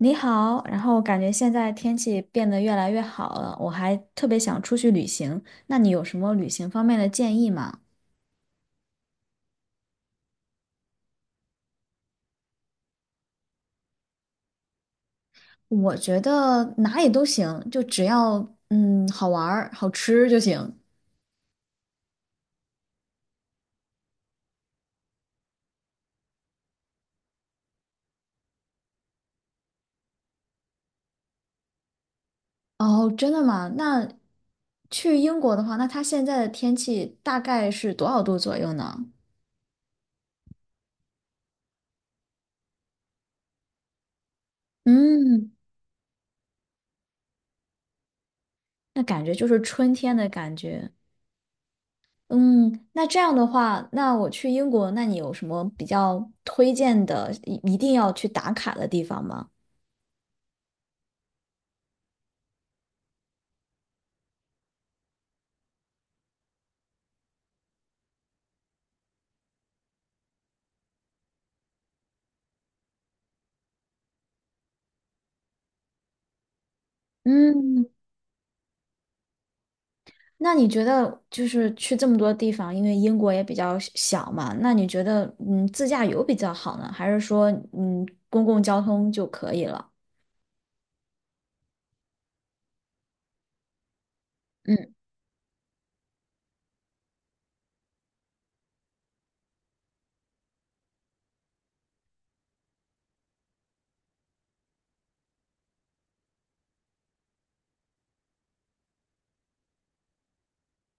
你好，然后感觉现在天气变得越来越好了，我还特别想出去旅行。那你有什么旅行方面的建议吗？我觉得哪里都行，就只要好玩儿、好吃就行。哦，真的吗？那去英国的话，那它现在的天气大概是多少度左右呢？嗯，那感觉就是春天的感觉。嗯，那这样的话，那我去英国，那你有什么比较推荐的，一定要去打卡的地方吗？嗯，那你觉得就是去这么多地方，因为英国也比较小嘛，那你觉得自驾游比较好呢，还是说公共交通就可以了？嗯。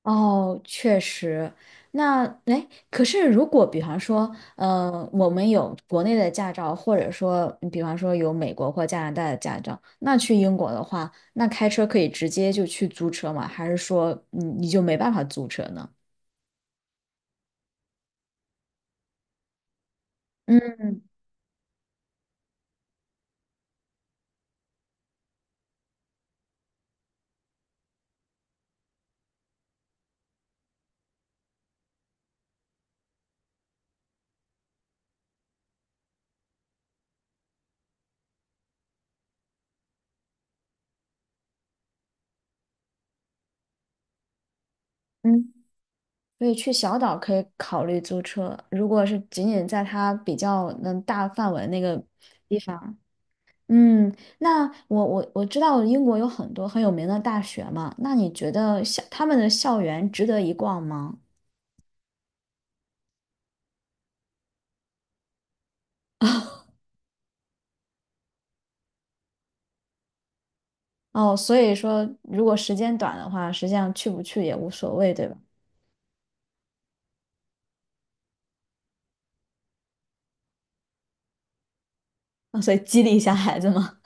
哦，确实。那哎，可是如果比方说，我们有国内的驾照，或者说，比方说有美国或加拿大的驾照，那去英国的话，那开车可以直接就去租车吗？还是说你就没办法租车呢？嗯嗯，所以去小岛可以考虑租车，如果是仅仅在它比较能大范围那个，地方。嗯，那我知道英国有很多很有名的大学嘛，那你觉得他们的校园值得一逛吗？哦，所以说如果时间短的话，实际上去不去也无所谓，对吧？啊所以激励一下孩子嘛。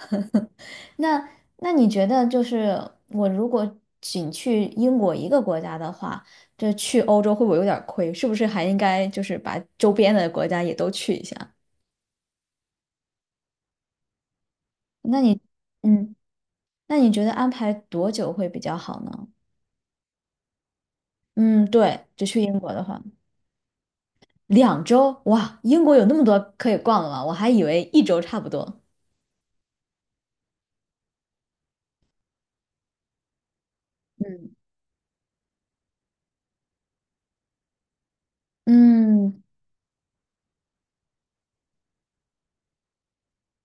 那那你觉得就是我如果仅去英国一个国家的话，这去欧洲会不会有点儿亏？是不是还应该就是把周边的国家也都去一下？那你，嗯，那你觉得安排多久会比较好呢？嗯，对，就去英国的话，2周，哇，英国有那么多可以逛的吗？我还以为1周差不多。嗯，嗯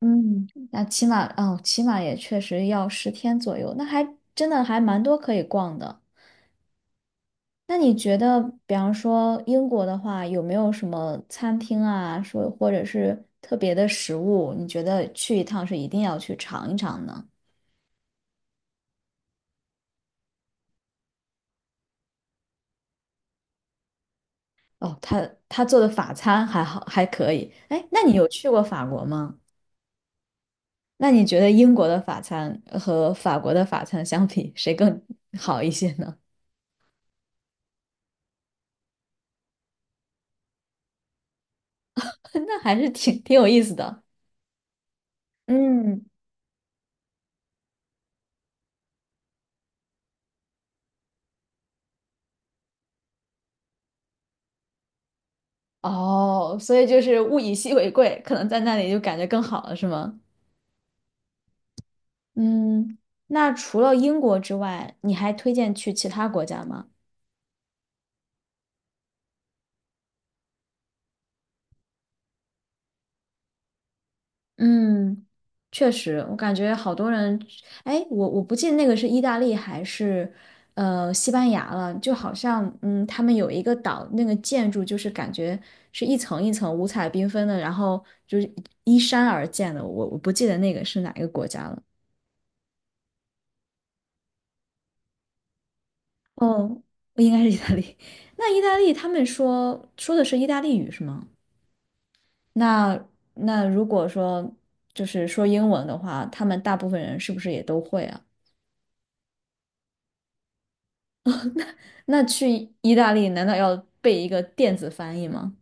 嗯，那起码哦，起码也确实要十天左右，那还真的还蛮多可以逛的。那你觉得，比方说英国的话，有没有什么餐厅啊，或者是特别的食物，你觉得去一趟是一定要去尝一尝呢？哦，他做的法餐还好，还可以。哎，那你有去过法国吗？那你觉得英国的法餐和法国的法餐相比，谁更好一些呢？那还是挺有意思的。嗯，哦，所以就是物以稀为贵，可能在那里就感觉更好了，是吗？嗯，那除了英国之外，你还推荐去其他国家吗？嗯，确实，我感觉好多人，哎，我不记得那个是意大利还是西班牙了，就好像他们有一个岛，那个建筑就是感觉是一层一层五彩缤纷的，然后就是依山而建的，我不记得那个是哪一个国家了。哦，应该是意大利。那意大利他们说的是意大利语是吗？那那如果说就是说英文的话，他们大部分人是不是也都会啊？那去意大利难道要背一个电子翻译吗？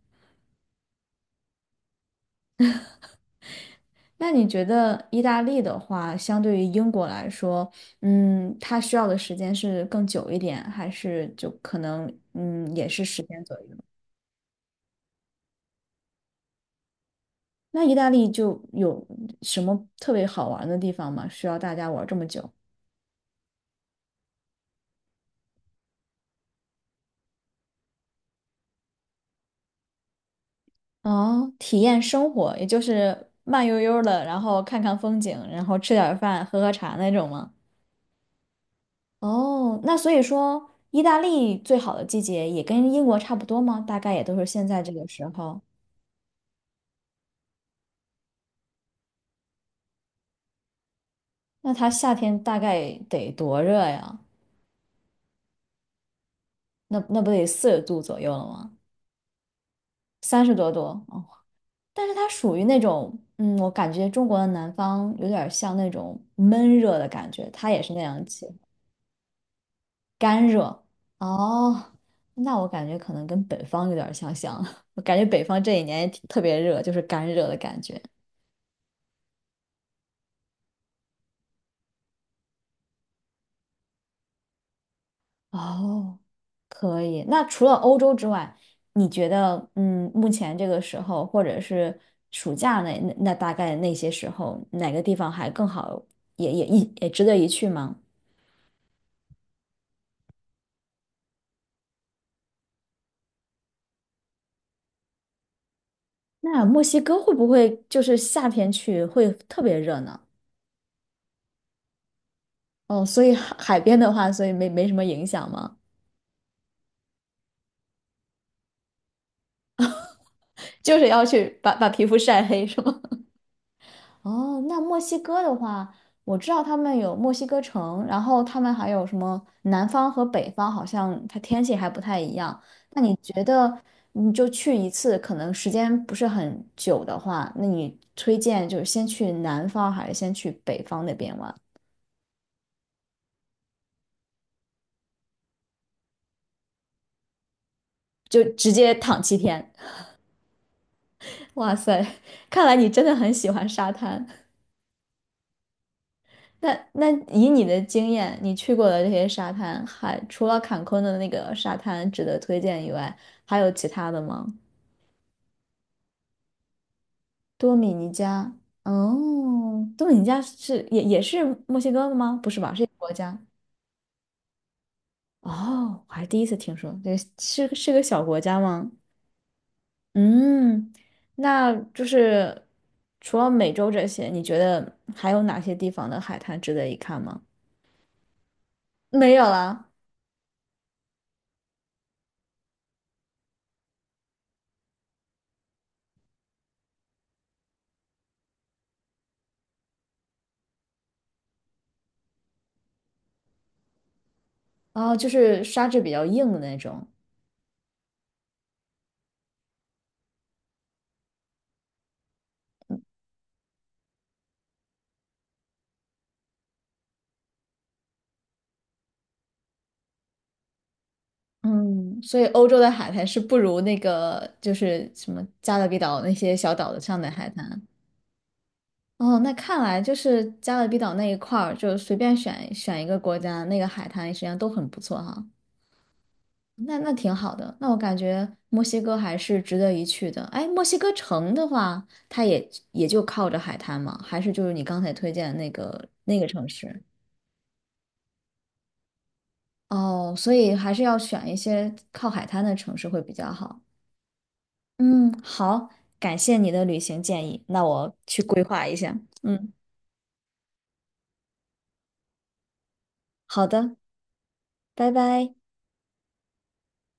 那你觉得意大利的话，相对于英国来说，它需要的时间是更久一点，还是就可能也是十天左右？那意大利就有什么特别好玩的地方吗？需要大家玩这么久？哦，体验生活，也就是慢悠悠的，然后看看风景，然后吃点儿饭，喝喝茶那种吗？哦，那所以说，意大利最好的季节也跟英国差不多吗？大概也都是现在这个时候。那它夏天大概得多热呀？那不得40度左右了吗？30多度哦。但是它属于那种，我感觉中国的南方有点像那种闷热的感觉，它也是那样气候干热。哦，那我感觉可能跟北方有点相像，我感觉北方这一年也挺特别热，就是干热的感觉。哦，可以。那除了欧洲之外，你觉得，目前这个时候，或者是暑假那大概那些时候，哪个地方还更好，也值得一去吗？那墨西哥会不会就是夏天去会特别热呢？哦，所以海边的话，所以没什么影响吗？就是要去把皮肤晒黑，是吗？哦，那墨西哥的话，我知道他们有墨西哥城，然后他们还有什么南方和北方，好像它天气还不太一样。那你觉得，你就去一次，可能时间不是很久的话，那你推荐就是先去南方还是先去北方那边玩？就直接躺7天。哇塞，看来你真的很喜欢沙滩。那以你的经验，你去过的这些沙滩，还除了坎昆的那个沙滩值得推荐以外，还有其他的吗？多米尼加，哦，多米尼加是也是墨西哥的吗？不是吧，是一个国家。哦，我还第一次听说，对，是个小国家吗？嗯，那就是除了美洲这些，你觉得还有哪些地方的海滩值得一看吗？没有啦，哦，就是沙质比较硬的那种。嗯，所以欧洲的海滩是不如那个就是什么加勒比岛那些小岛的上的海滩。哦，那看来就是加勒比岛那一块儿，就随便选选一个国家，那个海滩实际上都很不错哈。那挺好的，那我感觉墨西哥还是值得一去的。哎，墨西哥城的话，它也就靠着海滩嘛，还是就是你刚才推荐的那个城市。哦，所以还是要选一些靠海滩的城市会比较好。嗯，好，感谢你的旅行建议，那我去规划一下。嗯，好的，拜拜。